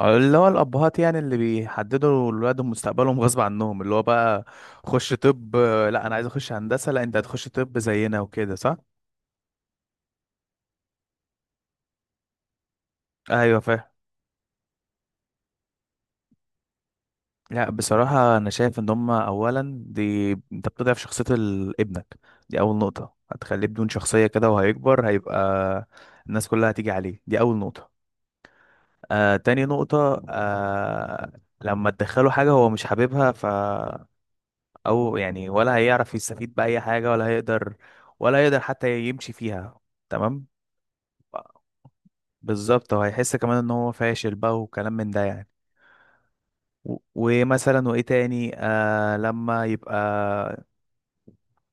اللي هو الأبهات يعني اللي بيحددوا لولادهم مستقبلهم غصب عنهم، اللي هو بقى خش طب، لا أنا عايز أخش هندسة، لا أنت هتخش طب زينا وكده، صح؟ أيوه، فاهم. لا بصراحة أنا شايف إن هما، أولا دي أنت بتضعف شخصية ابنك. دي أول نقطة، هتخليه بدون شخصية كده وهيكبر هيبقى الناس كلها هتيجي عليه. دي أول نقطة. تاني نقطة. لما تدخله حاجة هو مش حاببها، او يعني ولا هيعرف يستفيد بأي حاجة، ولا هيقدر حتى يمشي فيها. تمام. بالظبط، وهيحس كمان ان هو فاشل بقى وكلام من ده يعني. ومثلا وايه تاني، لما يبقى،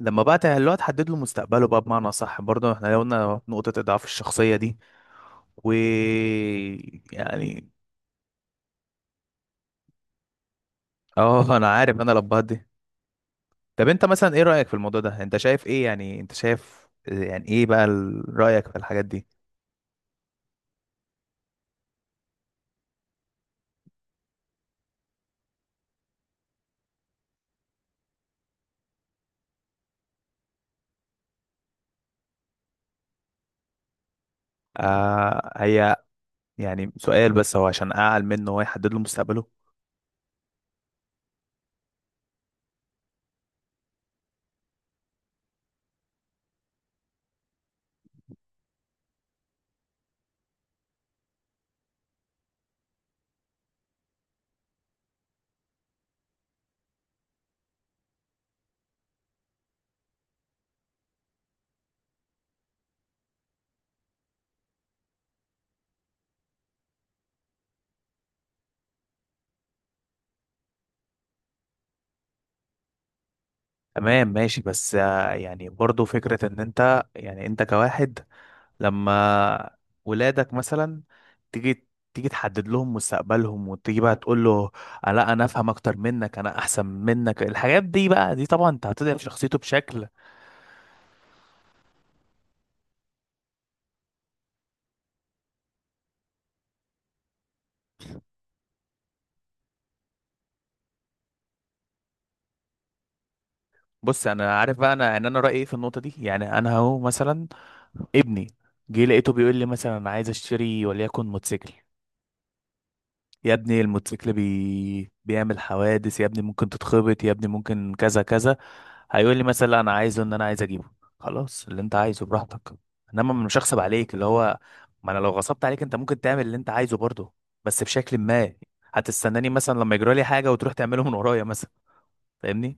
اللي هو تحدد له مستقبله بقى، بمعنى صح، برضه احنا قلنا نقطة اضعاف الشخصية دي، و يعني. اه، انا عارف، انا لبهت دي. طب انت مثلا ايه رأيك في الموضوع ده؟ انت شايف ايه يعني؟ انت شايف يعني ايه بقى، رأيك في الحاجات دي؟ هي يعني سؤال بس، هو عشان اعقل منه ويحدد له مستقبله؟ تمام ماشي، بس يعني برضه فكرة ان انت يعني، انت كواحد لما ولادك مثلا تيجي تيجي تحدد لهم مستقبلهم، وتيجي بقى تقول له لا انا افهم اكتر منك، انا احسن منك، الحاجات دي بقى، دي طبعا انت هتضعف شخصيته بشكل. بص انا عارف بقى، انا رايي ايه في النقطة دي، يعني انا اهو مثلا ابني جه لقيته بيقول لي مثلا انا عايز اشتري وليكن موتوسيكل. يا ابني الموتوسيكل بيعمل حوادث، يا ابني ممكن تتخبط، يا ابني ممكن كذا كذا. هيقول لي مثلا لا انا عايزه، ان انا عايز اجيبه. خلاص، اللي انت عايزه براحتك، انما مش هغصب عليك اللي هو، ما انا لو غصبت عليك انت ممكن تعمل اللي انت عايزه برضه، بس بشكل ما، هتستناني مثلا لما يجرى لي حاجه وتروح تعمله من ورايا مثلا. فاهمني؟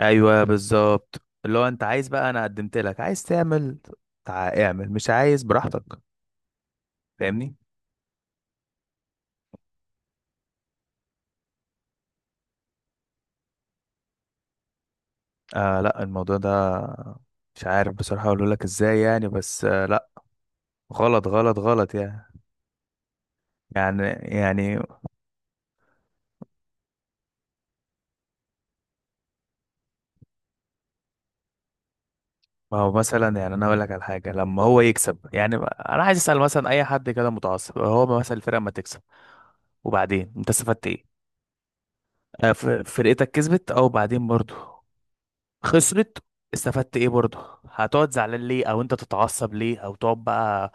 ايوه بالظبط، اللي هو انت عايز بقى، انا قدمت لك، عايز تعمل اعمل، مش عايز براحتك. فاهمني؟ لا الموضوع ده، مش عارف بصراحة اقول لك ازاي يعني، بس لا، غلط غلط غلط يعني يعني يعني ما هو مثلا يعني، انا اقول لك على حاجة، لما هو يكسب يعني، انا عايز اسأل مثلا اي حد كده متعصب، هو مثلا الفرقة ما تكسب وبعدين انت استفدت ايه؟ فرقتك كسبت، او بعدين برضه خسرت، استفدت ايه برضه؟ هتقعد زعلان ليه، او انت تتعصب ليه، او تقعد بقى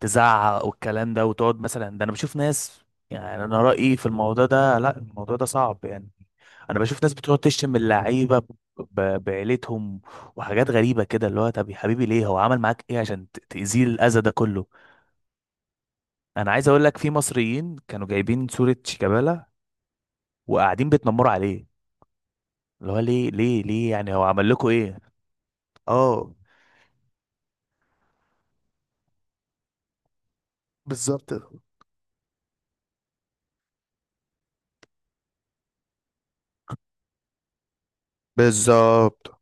تزعق والكلام ده وتقعد مثلا. ده انا بشوف ناس يعني، انا رأيي في الموضوع ده لا، الموضوع ده صعب يعني. انا بشوف ناس بتقعد تشتم اللعيبة بعيلتهم وحاجات غريبة كده، اللي هو طب يا حبيبي ليه، هو عمل معاك ايه عشان تأذيه الأذى ده كله؟ انا عايز اقول لك في مصريين كانوا جايبين صورة شيكابالا وقاعدين بيتنمروا عليه، اللي هو ليه ليه ليه يعني، هو عمل لكم ايه؟ اه، بالظبط. بالظبط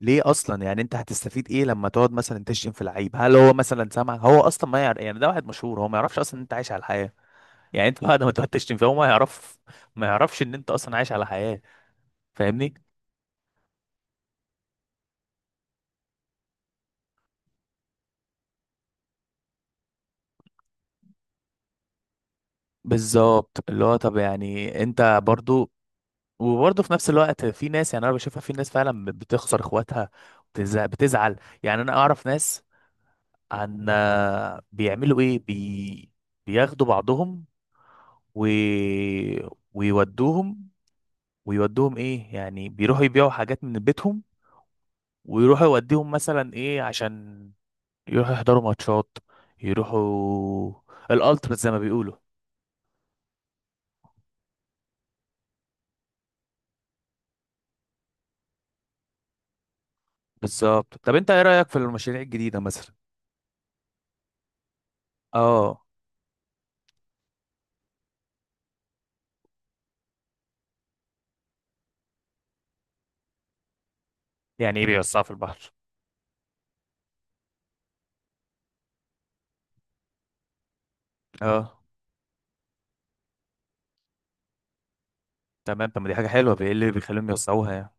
ليه اصلا، يعني انت هتستفيد ايه لما تقعد مثلا تشتم في لعيب؟ هل هو مثلا سامع؟ هو اصلا ما يعرف يعني، ده واحد مشهور، هو ما يعرفش اصلا ان انت عايش على الحياه. يعني انت بعد ما تقعد تشتم فيه هو ما يعرف، ما يعرفش ان انت اصلا عايش على حياه. فاهمني؟ بالظبط اللي هو، طب يعني انت برضو، وبرضه في نفس الوقت في ناس، يعني انا بشوفها في ناس فعلا بتخسر اخواتها، بتزعل. يعني انا اعرف ناس عن بيعملوا ايه، بياخدوا بعضهم، و... ويودوهم، ويودوهم ايه يعني، بيروحوا يبيعوا حاجات من بيتهم ويروحوا يوديهم مثلا ايه، عشان يروحوا يحضروا ماتشات، يروحوا الالتراس زي ما بيقولوا. بالظبط. طب انت ايه رأيك في المشاريع الجديدة مثلا؟ اه. يعني ايه بيوسعوا في البحر؟ اه تمام، طب ما دي حاجة حلوة، ايه اللي بيخليهم يوسعوها يعني؟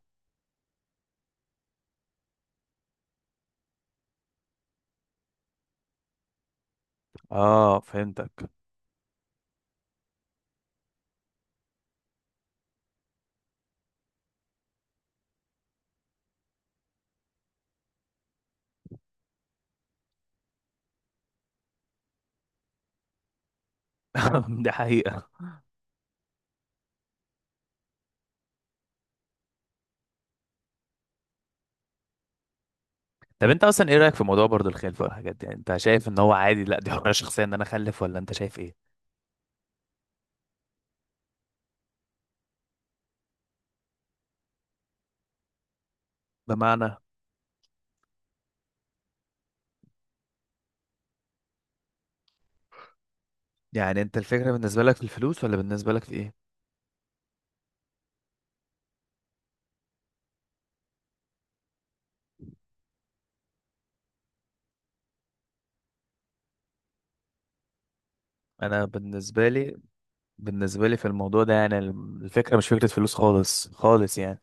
اه فهمتك. دي حقيقة. طب انت اصلا ايه رأيك في موضوع برضه الخلفة والحاجات دي؟ يعني انت شايف ان هو عادي، لا دي حرية شخصية ان انا اخلف، ولا انت شايف ايه؟ بمعنى، يعني انت الفكرة بالنسبة لك في الفلوس، ولا بالنسبة لك في ايه؟ انا بالنسبه لي، في الموضوع ده، يعني الفكره مش فكره فلوس خالص خالص يعني،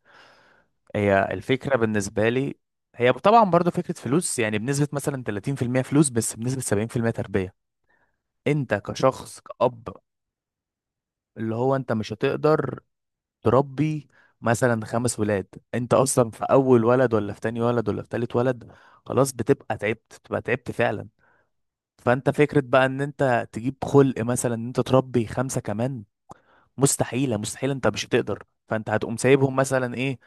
هي الفكره بالنسبه لي، هي طبعا برضو فكره فلوس، يعني بنسبه مثلا 30% فلوس، بس بنسبه 70% تربيه. انت كشخص كأب، اللي هو انت مش هتقدر تربي مثلا 5 ولاد. انت اصلا في اول ولد، ولا في تاني ولد، ولا في تالت ولد، خلاص بتبقى تعبت، فعلا فانت فكره بقى ان انت تجيب خلق، مثلا ان انت تربي خمسه كمان، مستحيلة مستحيلة، انت مش هتقدر. فانت هتقوم سايبهم مثلا ايه،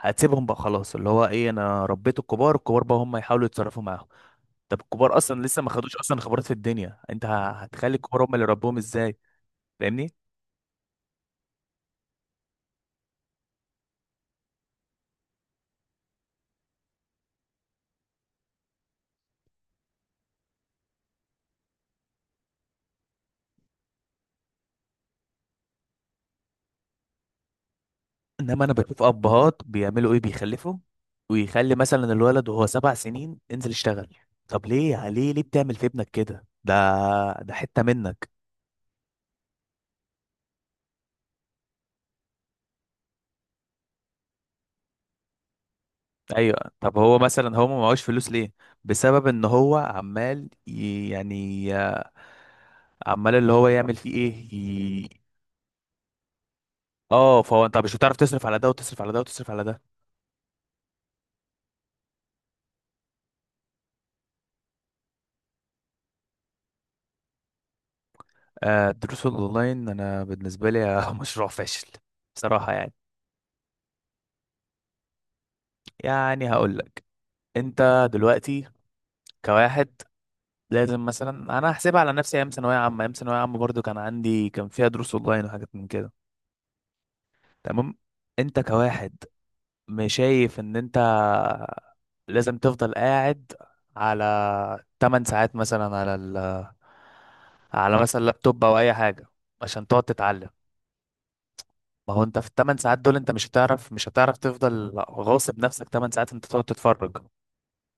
هتسيبهم بقى خلاص، اللي هو ايه، انا ربيت الكبار، الكبار بقى هم يحاولوا يتصرفوا معاهم. طب الكبار اصلا لسه ما خدوش اصلا خبرات في الدنيا، انت هتخلي الكبار هم اللي ربوهم ازاي؟ فاهمني؟ انما انا بشوف ابهات بيعملوا ايه، بيخلفوا ويخلي مثلا الولد وهو 7 سنين انزل اشتغل. طب ليه ليه ليه بتعمل في ابنك كده؟ ده حتة منك. ايوه طب هو مثلا، هو ما معهوش فلوس ليه؟ بسبب ان هو عمال يعني، عمال اللي هو يعمل فيه ايه اه فهو انت مش هتعرف تصرف على ده، وتصرف على ده، وتصرف على ده. آه الدروس الاونلاين انا بالنسبه لي مشروع فاشل بصراحه يعني. يعني هقول لك، انت دلوقتي كواحد لازم، مثلا انا هحسبها على نفسي، ايام ثانويه عامه برضو كان عندي، كان فيها دروس اونلاين وحاجات من كده. تمام. انت كواحد مش شايف ان انت لازم تفضل قاعد على 8 ساعات مثلا، على على مثلا لابتوب او اي حاجه عشان تقعد تتعلم؟ ما هو انت في ال 8 ساعات دول انت مش هتعرف تفضل غاصب نفسك 8 ساعات، انت تقعد تتفرج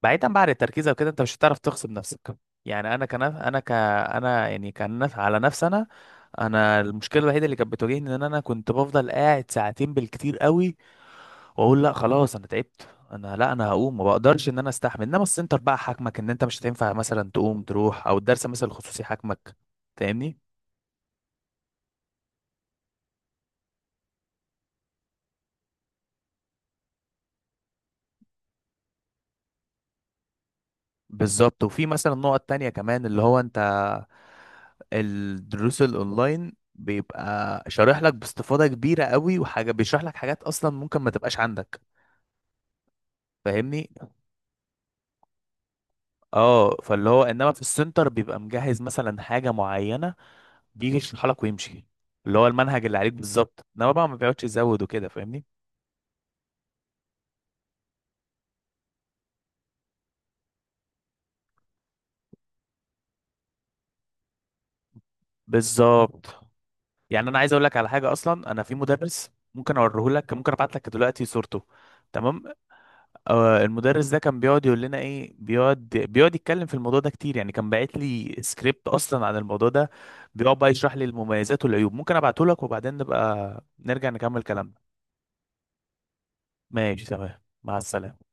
بعيدا بقى عن التركيز او كده، انت مش هتعرف تغصب نفسك. يعني انا كان، انا يعني كان على نفسي انا، انا المشكله الوحيده اللي كانت بتواجهني ان انا كنت بفضل قاعد ساعتين بالكتير قوي، واقول لا خلاص انا تعبت، انا لا انا هقوم ما بقدرش ان انا استحمل. انما السنتر بقى حاكمك ان انت مش هتنفع مثلا تقوم تروح، او الدرس مثلا الخصوصي حاكمك. فاهمني؟ بالظبط. وفي مثلا نقط تانية كمان اللي هو انت، الدروس الاونلاين بيبقى شارح لك باستفاضة كبيرة قوي، وحاجة بيشرح لك حاجات اصلا ممكن ما تبقاش عندك. فاهمني؟ اه فاللي هو انما في السنتر بيبقى مجهز مثلا حاجة معينة، بيجي يشرح لك ويمشي، اللي هو المنهج اللي عليك بالظبط، انما بقى ما بيقعدش يزود وكده. فاهمني؟ بالظبط. يعني انا عايز اقول لك على حاجه اصلا، انا في مدرس ممكن اوريه لك، ممكن ابعت لك دلوقتي صورته. تمام. آه المدرس ده كان بيقعد يقول لنا ايه، بيقعد يتكلم في الموضوع ده كتير يعني، كان باعت لي سكريبت اصلا عن الموضوع ده. بيقعد بقى يشرح لي المميزات والعيوب، ممكن ابعته لك وبعدين نبقى نرجع نكمل كلامنا. ماشي تمام، مع السلامه.